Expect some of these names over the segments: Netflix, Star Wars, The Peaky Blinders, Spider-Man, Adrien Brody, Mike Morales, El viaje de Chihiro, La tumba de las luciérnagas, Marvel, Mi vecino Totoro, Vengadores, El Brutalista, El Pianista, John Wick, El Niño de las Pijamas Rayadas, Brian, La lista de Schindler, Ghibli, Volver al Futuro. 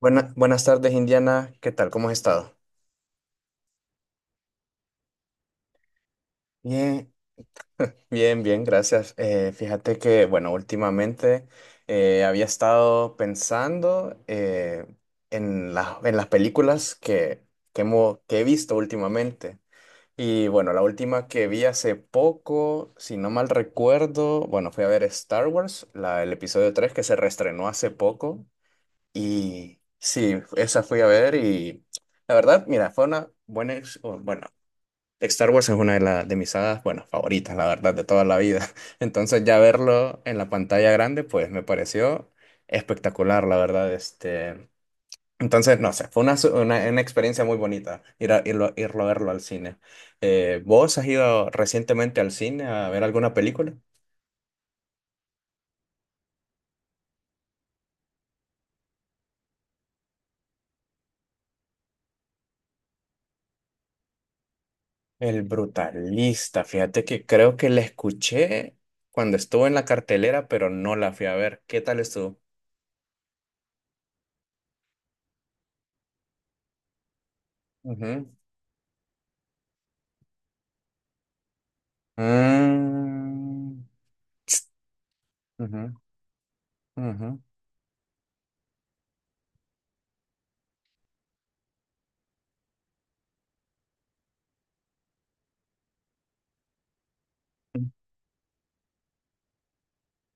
Buenas tardes, Indiana. ¿Qué tal? ¿Cómo has estado? Bien. Bien, bien, gracias. Fíjate que, bueno, últimamente había estado pensando en las películas que he visto últimamente. Y bueno, la última que vi hace poco, si no mal recuerdo, bueno, fui a ver Star Wars, el episodio 3 que se reestrenó hace poco. Y sí, esa fui a ver y la verdad, mira, fue una buena, o, bueno, Star Wars es una de mis sagas, bueno, favoritas, la verdad, de toda la vida. Entonces ya verlo en la pantalla grande, pues me pareció espectacular, la verdad. Este, entonces, no sé, fue una experiencia muy bonita irlo a verlo al cine. ¿Vos has ido recientemente al cine a ver alguna película? El Brutalista, fíjate que creo que la escuché cuando estuvo en la cartelera, pero no la fui a ver. ¿Qué tal estuvo? Ujú. Mm. Ujú. Ujú.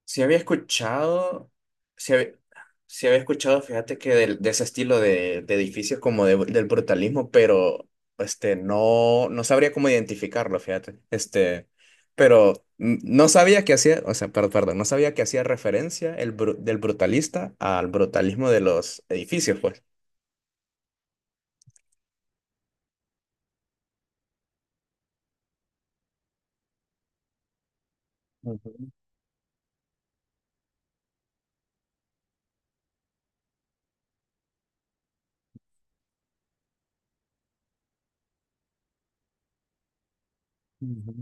Si había escuchado, si había, Sí había escuchado, fíjate que ese estilo de edificios como del brutalismo, pero este, no sabría cómo identificarlo, fíjate. Este, pero no sabía que hacía, o sea, perdón, no sabía que hacía referencia del brutalista al brutalismo de los edificios, pues. Ujú, ujú,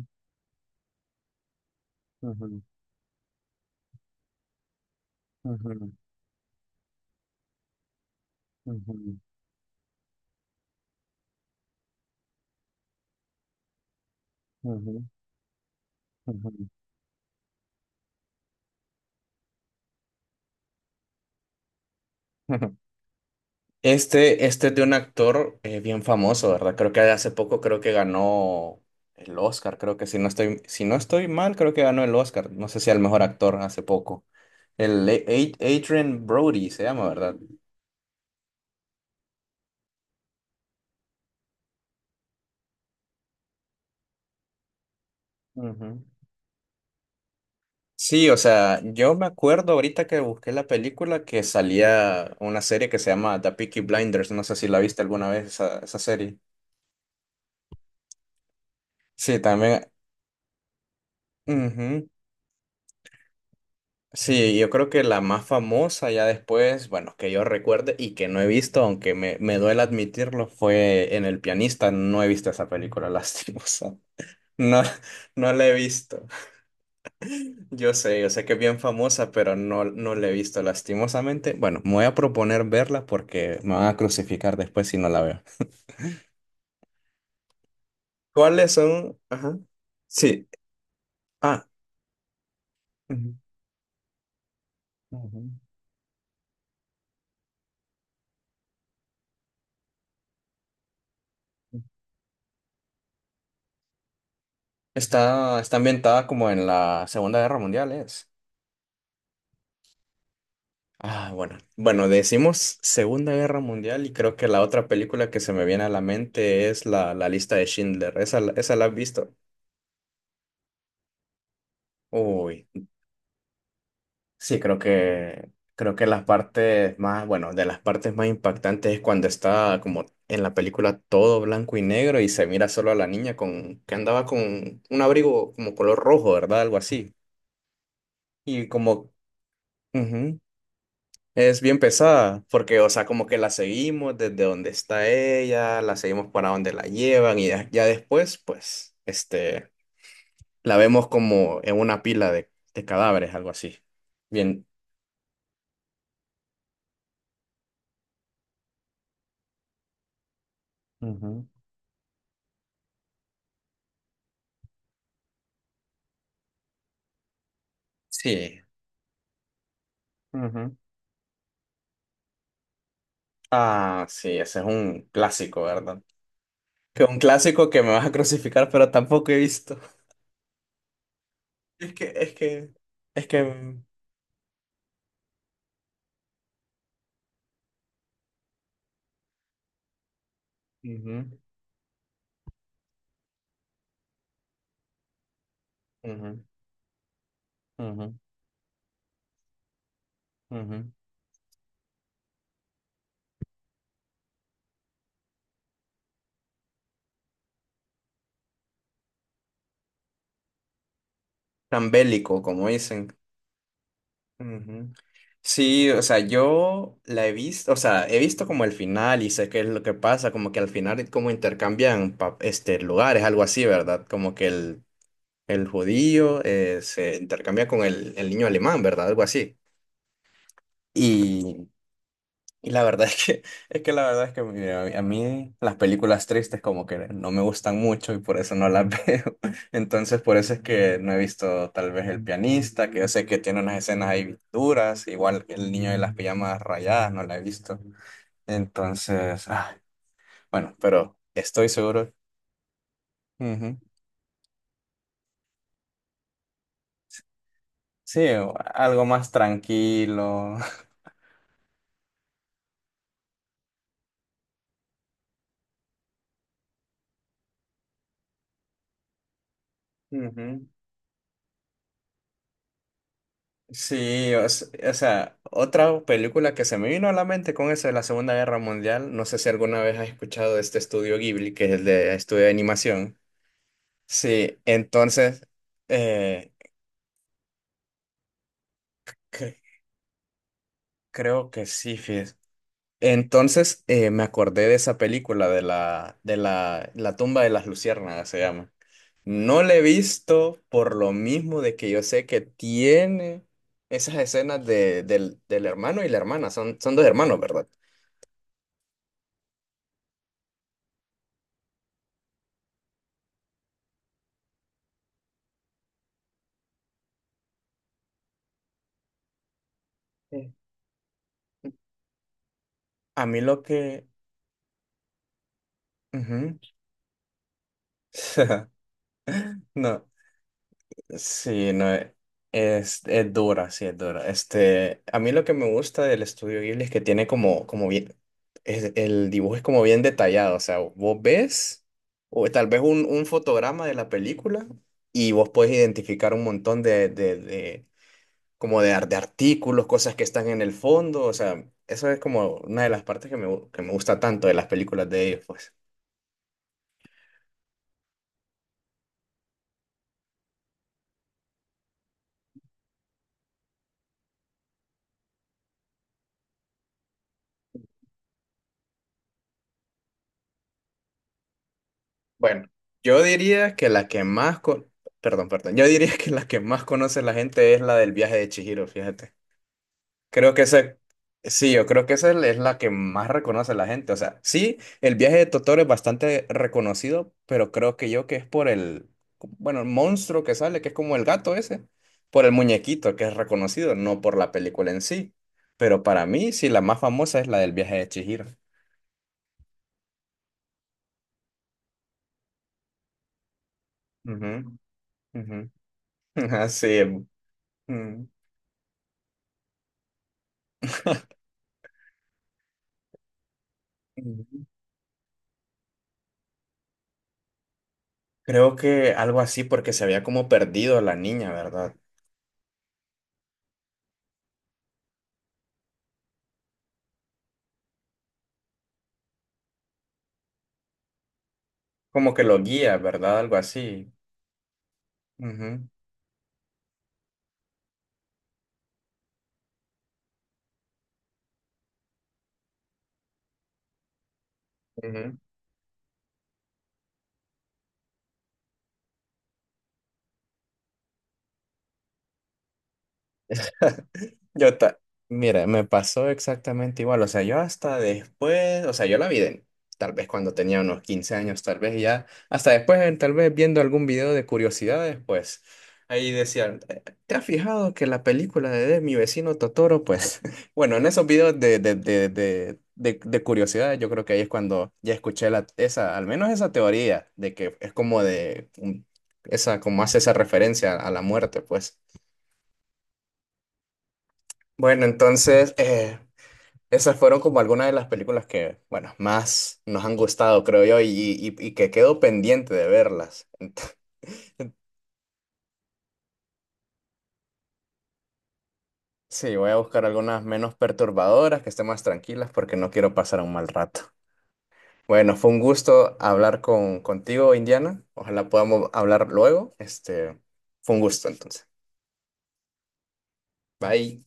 ujú, ujú, ujú, ujú, ujú. Ujú. Este es de un actor bien famoso, ¿verdad? Creo que hace poco creo que ganó el Oscar, creo que si no estoy mal, creo que ganó el Oscar. No sé si al mejor actor hace poco. El Adrien Brody se llama, ¿verdad? Ujú. Sí, o sea, yo me acuerdo ahorita que busqué la película que salía una serie que se llama The Peaky Blinders. No sé si la viste alguna vez esa serie. Sí, también. Ujú. Sí, yo creo que la más famosa ya después, bueno, que yo recuerde y que no he visto, aunque me duele admitirlo, fue en El Pianista. No he visto esa película, lastimosa. No, no la he visto. Yo sé que es bien famosa, pero no, no la he visto lastimosamente. Bueno, me voy a proponer verla porque me van a crucificar después si no la veo. ¿Cuáles son? Ajá. Sí. Ah. Ujú, ujú. Está ambientada como en la Segunda Guerra Mundial, ¿es? Ah, bueno. Bueno, decimos Segunda Guerra Mundial y creo que la otra película que se me viene a la mente es la lista de Schindler. Esa la has visto? Uy, sí, creo que las partes más, bueno, de las partes más impactantes es cuando está como en la película todo blanco y negro y se mira solo a la niña con que andaba con un abrigo como color rojo, ¿verdad? Algo así. Y como, ujú. Es bien pesada, porque, o sea, como que la seguimos desde donde está ella, la seguimos para donde la llevan y ya después, pues, este, la vemos como en una pila de cadáveres, algo así. Bien. Ujú, sí. Ujú. Ah, sí, ese es un clásico, ¿verdad? Que un clásico que me vas a crucificar, pero tampoco he visto. Es que, es que, es que... Ujú, ujú, ujú, ujú. Tan bélico, como dicen. Ujú. Sí, o sea, yo la he visto, o sea, he visto como el final y sé qué es lo que pasa, como que al final como intercambian lugares, algo así, ¿verdad? Como que el judío se intercambia con el niño alemán, ¿verdad? Algo así. Y la verdad es que la verdad es que mira, a mí las películas tristes como que no me gustan mucho y por eso no las veo. Entonces por eso es que no he visto tal vez El Pianista, que yo sé que tiene unas escenas ahí duras, igual que El Niño de las Pijamas Rayadas, no la he visto. Entonces, ah, bueno, pero estoy seguro. Ujú. Sí, algo más tranquilo. Ujú. Sí, o sea, otra película que se me vino a la mente con eso de la Segunda Guerra Mundial, no sé si alguna vez has escuchado de este estudio Ghibli, que es el de estudio de animación. Sí, entonces, eh, cre- creo que sí, fíjate. Entonces, me acordé de esa película La tumba de las luciérnagas, se llama. No la he visto por lo mismo de que yo sé que tiene esas escenas del hermano y la hermana, son dos hermanos, ¿verdad? A mí lo que... Ujú. No, sí, no, es dura, sí, es dura. Este, a mí lo que me gusta del estudio Ghibli es que tiene como bien, el dibujo es como bien detallado, o sea, vos ves, o tal vez un fotograma de la película y vos podés identificar un montón de, como de, ar- de artículos, cosas que están en el fondo, o sea, eso es como una de las partes que me gusta tanto de las películas de ellos, pues. Bueno, yo diría que la que más con... Perdón, perdón. Yo diría que la que más conoce la gente es la del viaje de Chihiro, fíjate. Creo que esa... Sí, yo creo que esa es la que más reconoce la gente. O sea, sí, el viaje de Totoro es bastante reconocido, pero creo que yo que es por el... Bueno, el monstruo que sale, que es como el gato ese, por el muñequito que es reconocido, no por la película en sí. Pero para mí, sí, la más famosa es la del viaje de Chihiro. Ujú, ujú. Así es. Mm. Creo que algo así porque se había como perdido la niña, ¿verdad? Como que lo guía, ¿verdad? Algo así. Ujú, ujú. Yo ta- Mira, me pasó exactamente igual. O sea, yo hasta después, o sea, yo la vi tal vez cuando tenía unos 15 años, tal vez ya, hasta después, tal vez viendo algún video de curiosidades, pues ahí decían, ¿Te has fijado que la película de Mi vecino Totoro? Pues bueno, en esos videos de curiosidades, yo creo que ahí es cuando ya escuché esa, al menos esa teoría de que es como esa, como hace esa referencia a la muerte, pues. Bueno, entonces... Esas fueron como algunas de las películas que, bueno, más nos han gustado, creo yo, y que quedo pendiente de verlas. Sí, voy a buscar algunas menos perturbadoras, que estén más tranquilas, porque no quiero pasar un mal rato. Bueno, fue un gusto hablar contigo, Indiana. Ojalá podamos hablar luego. Este, fue un gusto, entonces. Bye.